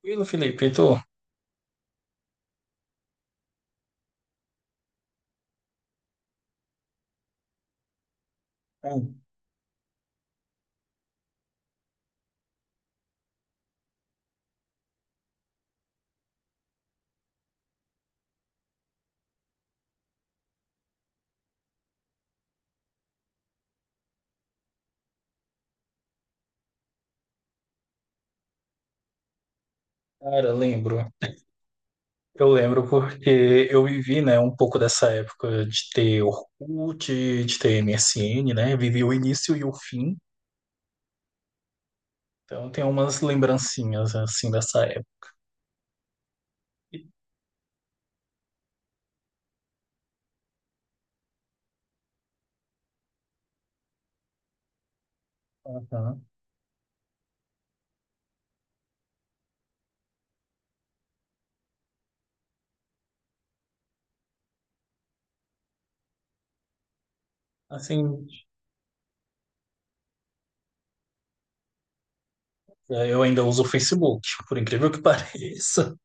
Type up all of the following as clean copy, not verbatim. Tranquilo, Felipe, e tu? Hum. Cara, lembro. Eu lembro porque eu vivi, né, um pouco dessa época de ter Orkut, de ter MSN, né? Vivi o início e o fim. Então tem umas lembrancinhas assim dessa época. Aham. Assim, é, eu ainda uso o Facebook, por incrível que pareça.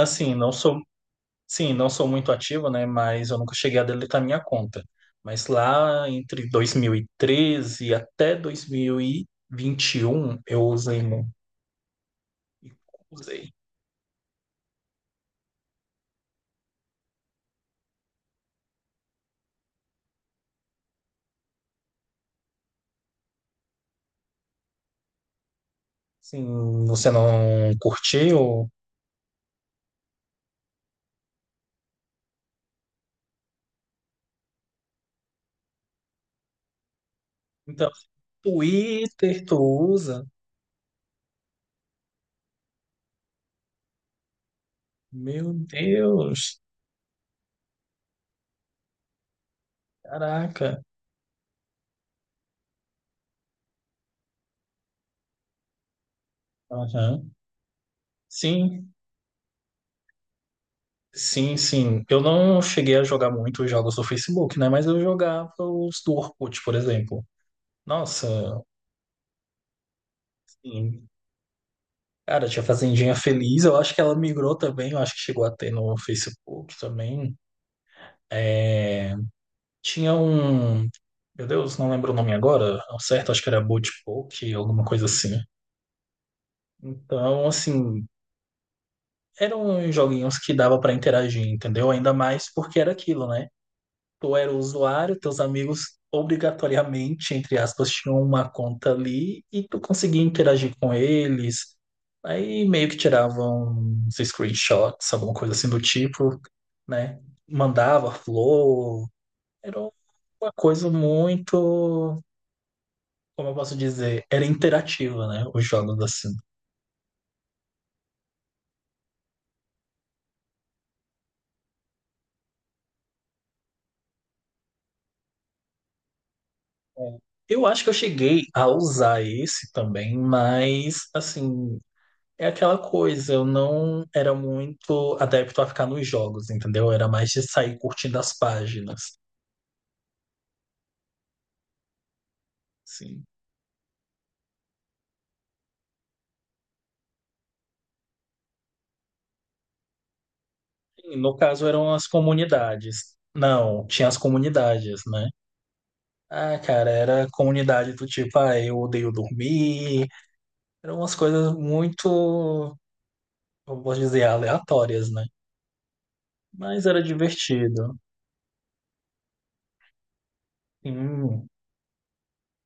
Assim, não sou muito ativo, né? Mas eu nunca cheguei a deletar minha conta. Mas lá entre 2013 até dois mil e vinte e um, eu usei e usei. Sim, você não curtiu? Então, Twitter tu usa? Meu Deus, caraca. Aham. Sim, sim. Eu não cheguei a jogar muito os jogos do Facebook, né? Mas eu jogava os do Orkut, por exemplo. Nossa, sim. Cara, tinha Fazendinha Feliz. Eu acho que ela migrou também. Eu acho que chegou a ter no Facebook também. É, tinha um. Meu Deus, não lembro o nome agora. Ao certo, acho que era Boat Poke, alguma coisa assim. Então, assim, eram joguinhos que dava pra interagir, entendeu? Ainda mais porque era aquilo, né? Tu era o usuário, teus amigos obrigatoriamente, entre aspas, tinham uma conta ali e tu conseguia interagir com eles. Aí meio que tiravam uns screenshots, alguma coisa assim do tipo, né? Mandava flor. Era uma coisa muito, como eu posso dizer, era interativa, né? Os jogos assim. É. Eu acho que eu cheguei a usar esse também, mas assim, é aquela coisa, eu não era muito adepto a ficar nos jogos, entendeu? Era mais de sair curtindo as páginas. Sim. E no caso, eram as comunidades. Não, tinha as comunidades, né? Ah, cara, era comunidade do tipo, ah, eu odeio dormir. Eram umas coisas muito, eu posso dizer, aleatórias, né? Mas era divertido. Sim,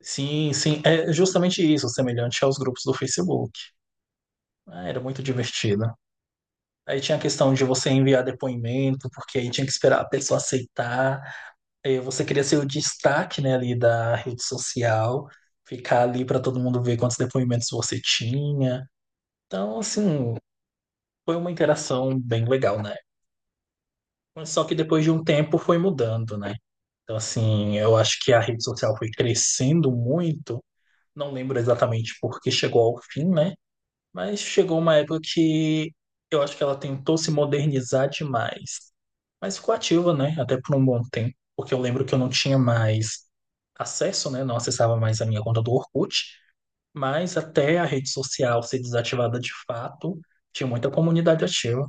sim. É justamente isso, semelhante aos grupos do Facebook. Ah, era muito divertido. Aí tinha a questão de você enviar depoimento, porque aí tinha que esperar a pessoa aceitar. Aí você queria ser o destaque, né, ali da rede social, ficar ali para todo mundo ver quantos depoimentos você tinha. Então, assim, foi uma interação bem legal, né? Mas só que depois de um tempo foi mudando, né? Então, assim, eu acho que a rede social foi crescendo muito. Não lembro exatamente porque chegou ao fim, né? Mas chegou uma época que eu acho que ela tentou se modernizar demais, mas ficou ativa, né? Até por um bom tempo, porque eu lembro que eu não tinha mais acesso, né? Não acessava mais a minha conta do Orkut, mas até a rede social ser desativada de fato, tinha muita comunidade ativa.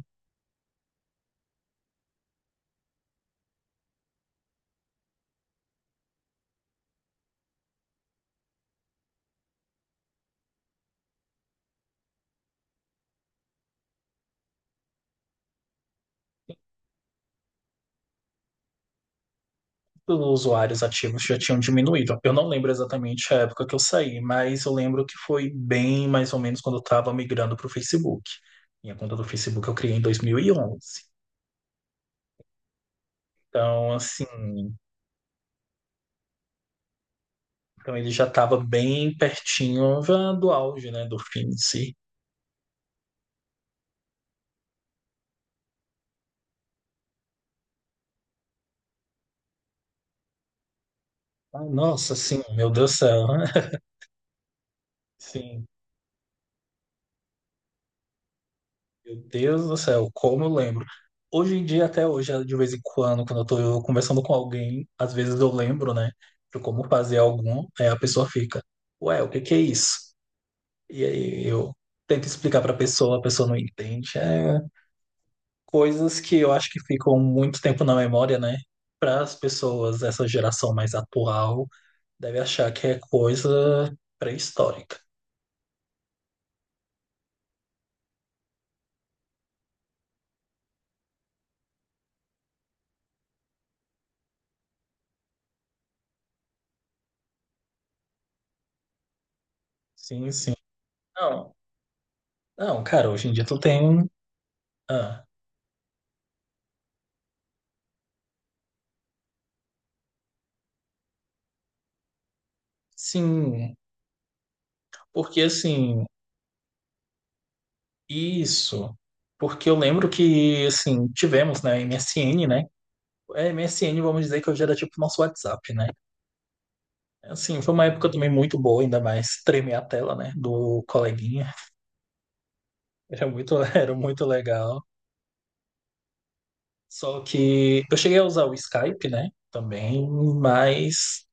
Os usuários ativos já tinham diminuído. Eu não lembro exatamente a época que eu saí, mas eu lembro que foi bem mais ou menos quando eu estava migrando para o Facebook. Minha conta do Facebook eu criei em 2011. Então, assim. Então ele já estava bem pertinho já do auge, né, do fim em si. Ah, nossa, sim, meu Deus do céu, né? Sim, meu Deus do céu, como eu lembro. Hoje em dia, até hoje, de vez em quando, quando eu tô conversando com alguém, às vezes eu lembro, né, de como fazer algum, aí a pessoa fica, ué, o que que é isso? E aí eu tento explicar pra pessoa, a pessoa não entende. É coisas que eu acho que ficam muito tempo na memória, né, para as pessoas, essa geração mais atual deve achar que é coisa pré-histórica. Sim, sim. Não, não, cara, hoje em dia tu tem. Ah, sim, porque assim, isso. Porque eu lembro que, assim, tivemos, né, MSN, né? É, MSN, vamos dizer que hoje era tipo nosso WhatsApp, né? Assim, foi uma época também muito boa, ainda mais tremer a tela, né, do coleguinha. Era muito, era muito legal. Só que eu cheguei a usar o Skype, né, também, mas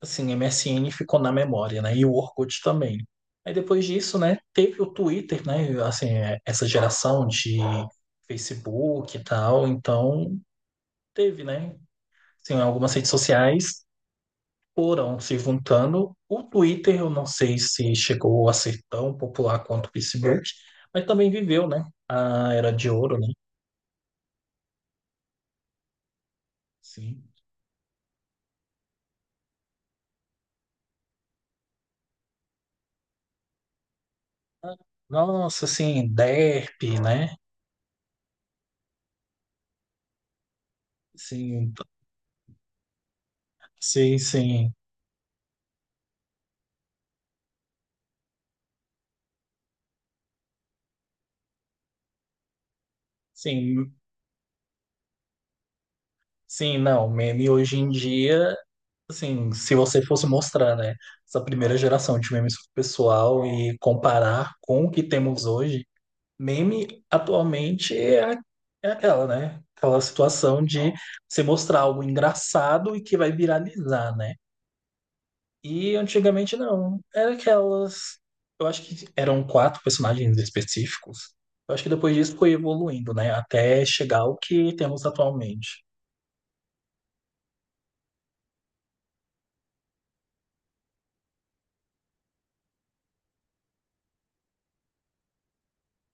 assim, MSN ficou na memória, né? E o Orkut também. Aí depois disso, né, teve o Twitter, né? Assim, é, essa geração de Facebook e tal, então teve, né? Assim, algumas redes sociais foram se juntando. O Twitter, eu não sei se chegou a ser tão popular quanto o Facebook, mas também viveu, né? A era de ouro, né? Sim. Nossa, assim, Derp, né? Sim, t- sim. Sim, sim, não, meme hoje em dia, assim, se você fosse mostrar, né, essa primeira geração de memes pro pessoal e comparar com o que temos hoje, meme atualmente é, é aquela, né, aquela situação de você mostrar algo engraçado e que vai viralizar, né? E antigamente não, era aquelas, eu acho que eram quatro personagens específicos. Eu acho que depois disso foi evoluindo, né, até chegar ao que temos atualmente.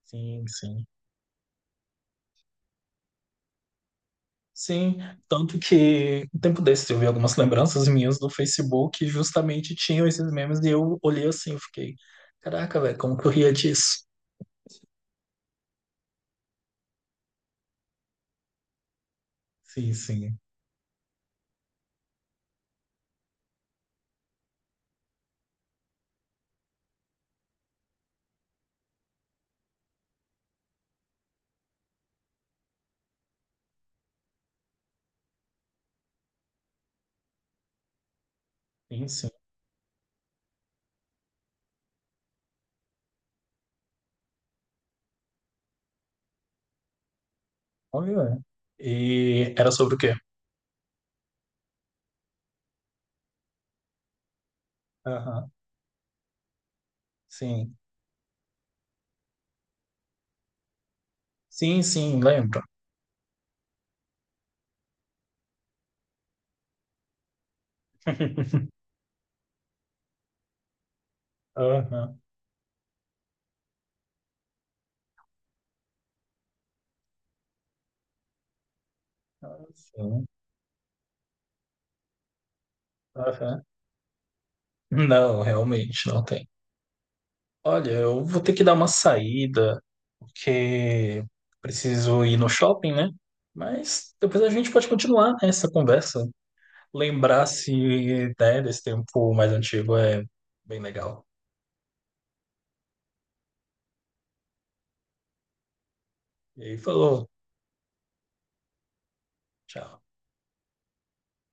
Sim, sim. Sim, tanto que um tempo desses eu vi algumas lembranças minhas do Facebook que justamente tinham esses memes e eu olhei assim, eu fiquei, caraca, velho, como que eu ria disso? Sim, sim, sim. Olha. E era sobre o quê? Aham, Sim, sim, lembro. Aham, sim, aham. Não, realmente não tem. Olha, eu vou ter que dar uma saída, porque preciso ir no shopping, né? Mas depois a gente pode continuar essa conversa. Lembrar assim, né, desse tempo mais antigo é bem legal. E aí falou, tchau.